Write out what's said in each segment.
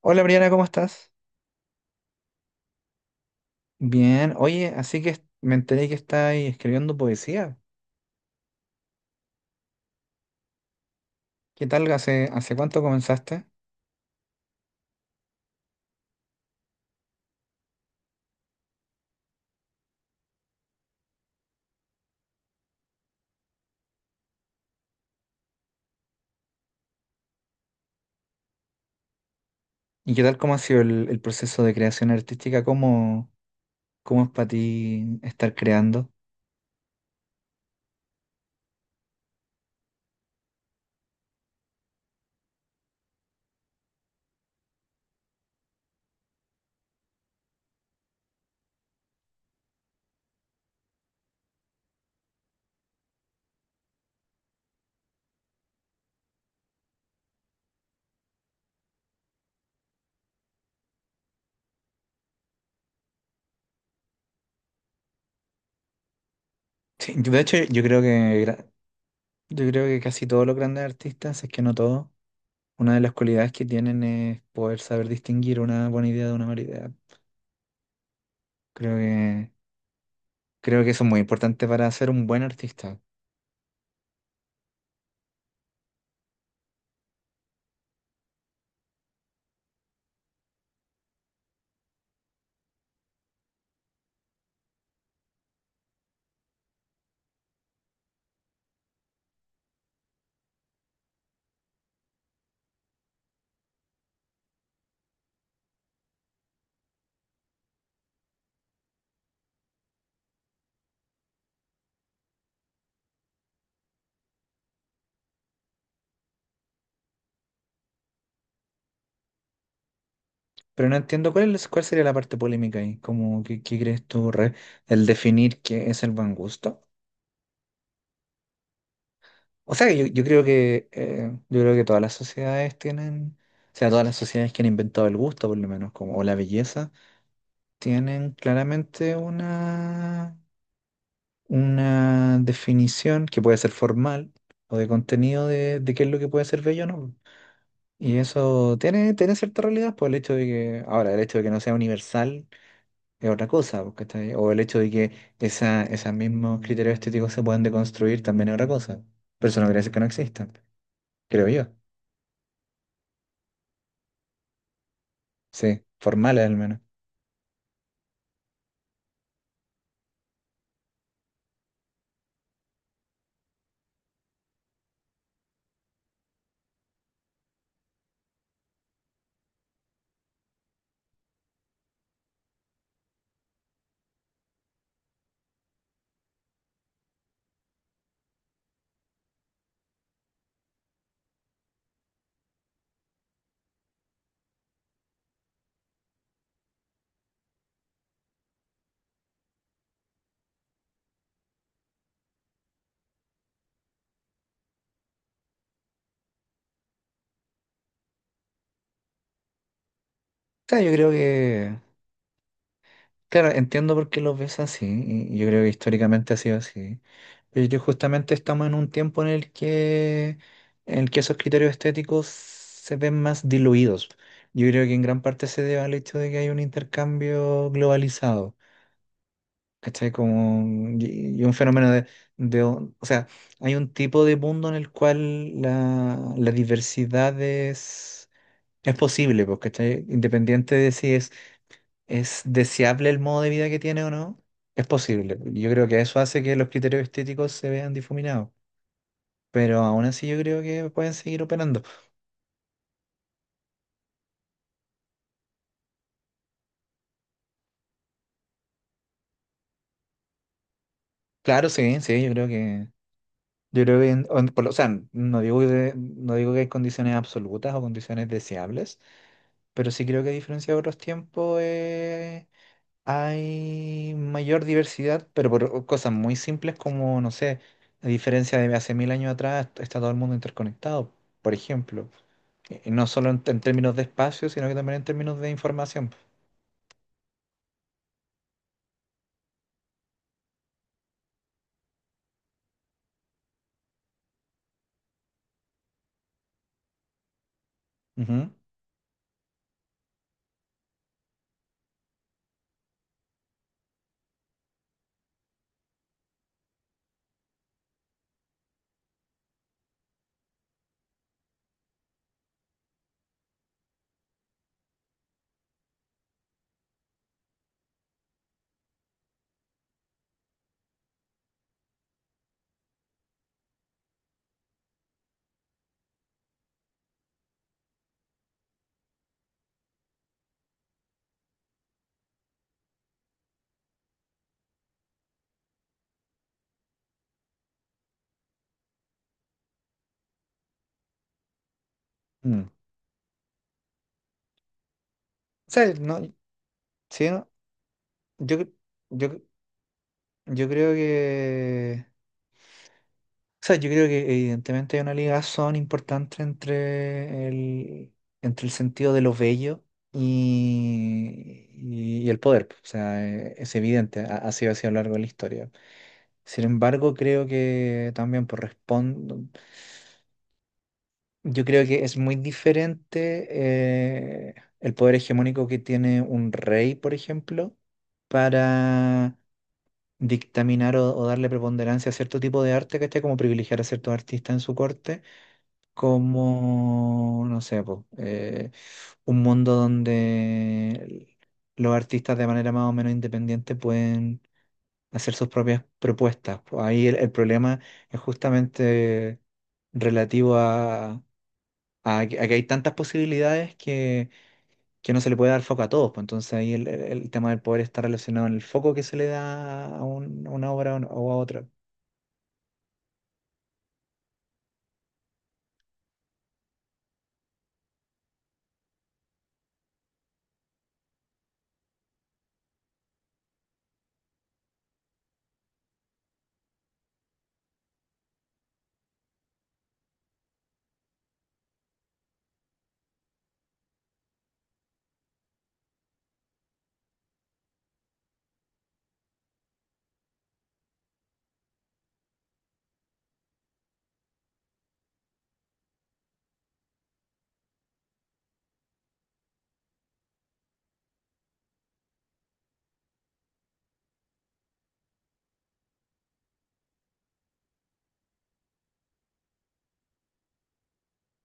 Hola Briana, ¿cómo estás? Bien, oye, así que me enteré que estáis escribiendo poesía. ¿Qué tal? ¿Hace cuánto comenzaste? ¿Y qué tal cómo ha sido el proceso de creación artística? ¿Cómo es para ti estar creando? Sí, de hecho, yo creo que casi todos los grandes artistas, si es que no todos, una de las cualidades que tienen es poder saber distinguir una buena idea de una mala idea. Creo que, creo que eso es muy importante para ser un buen artista. Pero no entiendo cuál es, cuál sería la parte polémica ahí, como qué crees tú, el definir qué es el buen gusto. O sea, yo creo que todas las sociedades tienen, o sea, todas las sociedades que han inventado el gusto, por lo menos, como, o la belleza, tienen claramente una definición que puede ser formal o de contenido de qué es lo que puede ser bello o no. Y eso tiene cierta realidad, por el hecho de que, ahora, el hecho de que no sea universal. Es otra cosa, pues, ¿cachai? O el hecho de que esos mismos criterios estéticos se puedan deconstruir también es otra cosa. Pero eso no quiere decir que no existan, creo yo. Sí, formales al menos. O sea, yo creo que, claro, entiendo por qué los ves así, y yo creo que históricamente ha sido así. Pero yo creo que justamente estamos en un tiempo en el que esos criterios estéticos se ven más diluidos. Yo creo que en gran parte se debe al hecho de que hay un intercambio globalizado. ¿Cachai? Como, y un fenómeno o sea, hay un tipo de mundo en el cual la diversidad es posible, pues, ¿cachai? Independiente de si es deseable el modo de vida que tiene o no, es posible. Yo creo que eso hace que los criterios estéticos se vean difuminados. Pero aún así yo creo que pueden seguir operando. Claro, sí, sí, yo creo que... Yo creo que, en- o, en- por lo- o sea, no digo, no digo que hay condiciones absolutas o condiciones deseables. Pero sí creo que a diferencia de otros tiempos hay mayor diversidad, pero por cosas muy simples como, no sé, a diferencia de hace mil años atrás, está todo el mundo interconectado, por ejemplo. Y no solo en términos de espacio, sino que también en términos de información. Ujú. Mm. O sea, no, sí, no, yo, cre- yo, cre- yo creo que o sea, yo creo que evidentemente hay una ligazón importante entre el sentido de lo bello y el poder, pues. O sea, es evidente, ha sido así a lo largo de la historia. Sin embargo, creo que también yo creo que es muy diferente el poder hegemónico que tiene un rey, por ejemplo, para dictaminar o darle preponderancia a cierto tipo de arte, ¿cachai? Como privilegiar a ciertos artistas en su corte como, no sé, po, un mundo donde los artistas de manera más o menos independiente pueden hacer sus propias propuestas, po. Ahí el problema es justamente relativo a, a que hay tantas posibilidades que no se le puede dar foco a todos, po. Entonces ahí el, el tema del poder está relacionado en el foco que se le da a una obra o a otra.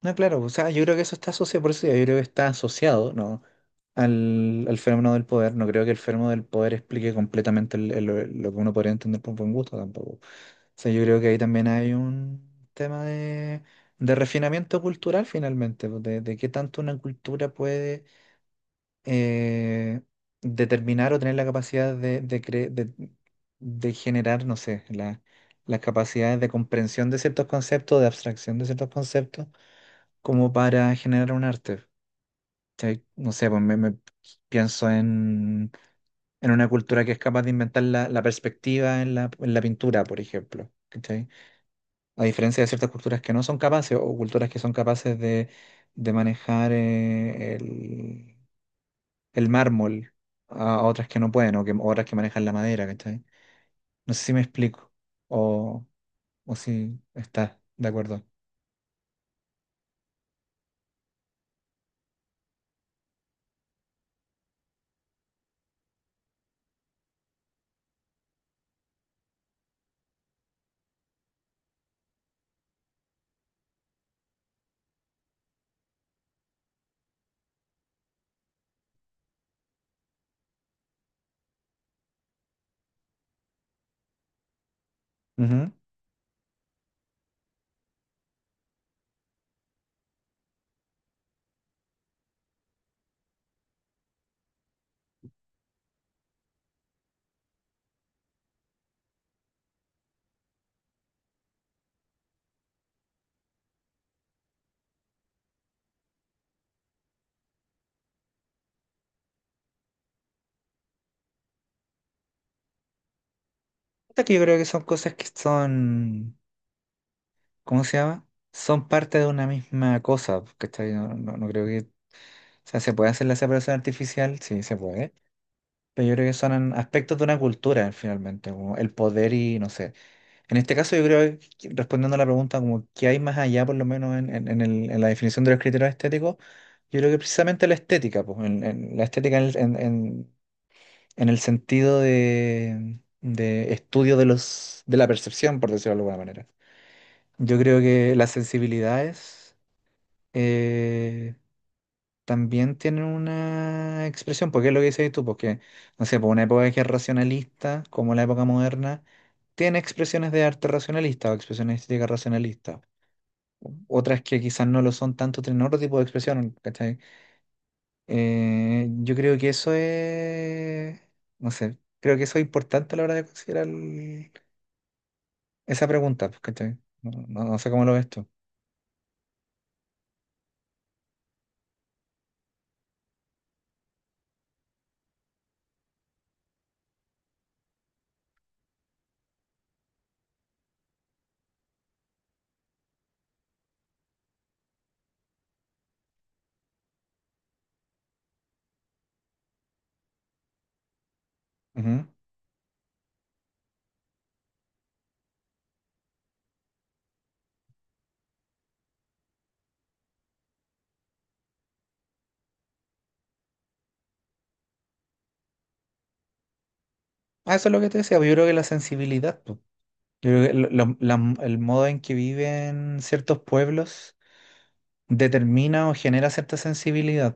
No, claro, o sea, yo creo que eso está asociado, por eso digo, yo creo que está asociado, ¿no? Al fenómeno del poder. No creo que el fenómeno del poder explique completamente lo que uno podría entender por buen gusto tampoco. O sea, yo creo que ahí también hay un tema de refinamiento cultural finalmente, pues, de qué tanto una cultura puede eh, determinar o tener la capacidad de generar, no sé, las capacidades de comprensión de ciertos conceptos, de abstracción de ciertos conceptos como para generar un arte. ¿Cachai? No sé, pues me pienso en una cultura que es capaz de inventar la perspectiva en la pintura, por ejemplo. ¿Cachai? A diferencia de ciertas culturas que no son capaces o culturas que son capaces de manejar el mármol a otras que no pueden o que, o otras que manejan la madera. ¿Cachai? No sé si me explico o, o si estás de acuerdo. Ujú. Hasta que yo creo que son cosas que son... ¿Cómo se llama? Son parte de una misma cosa, ¿cachai? No, no, no creo que, o sea, se puede hacer la separación artificial, sí, se puede, pero yo creo que son aspectos de una cultura, finalmente, como el poder y, no sé. En este caso, yo creo, que, respondiendo a la pregunta, como qué hay más allá, por lo menos en, en la definición de los criterios estéticos, yo creo que precisamente la estética, pues, la estética en el sentido de estudio de la percepción, por decirlo de alguna manera. Yo creo que las sensibilidades eh, también tienen una expresión, porque es lo que dices tú, porque, no sé, por una época que es racionalista, como la época moderna, tiene expresiones de arte racionalista o expresiones estéticas racionalistas. Otras que quizás no lo son tanto, tienen otro tipo de expresión, ¿cachai? Yo creo que eso es, no sé, creo que eso es importante a la hora de considerar esa pregunta, pues, ¿cachai? No sé cómo lo ves tú. Ujú. Ah, eso es lo que te decía, pues, yo creo que la sensibilidad, pues. Yo creo que el modo en que viven ciertos pueblos determina o genera cierta sensibilidad.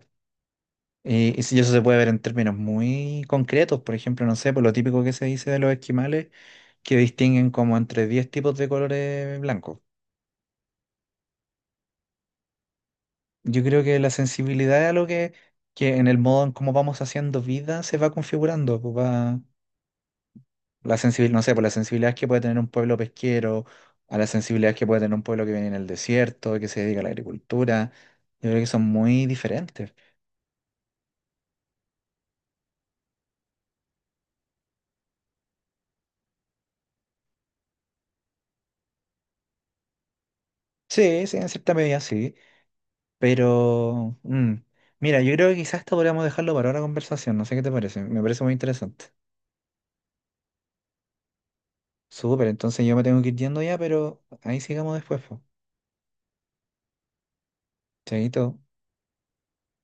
Y si eso se puede ver en términos muy concretos, por ejemplo, no sé, por lo típico que se dice de los esquimales, que distinguen como entre 10 tipos de colores blancos. Yo creo que la sensibilidad es algo que en el modo en cómo vamos haciendo vida se va configurando, pues va. La sensibilidad, no sé, por la sensibilidad que puede tener un pueblo pesquero, a la sensibilidad que puede tener un pueblo que viene en el desierto, que se dedica a la agricultura, yo creo que son muy diferentes. Sí, sí, en cierta medida sí, pero mira, yo creo que quizás esto podríamos dejarlo para otra conversación, no sé qué te parece, me parece muy interesante. Súper, entonces yo me tengo que ir yendo ya, pero ahí sigamos después, pues. Chaito.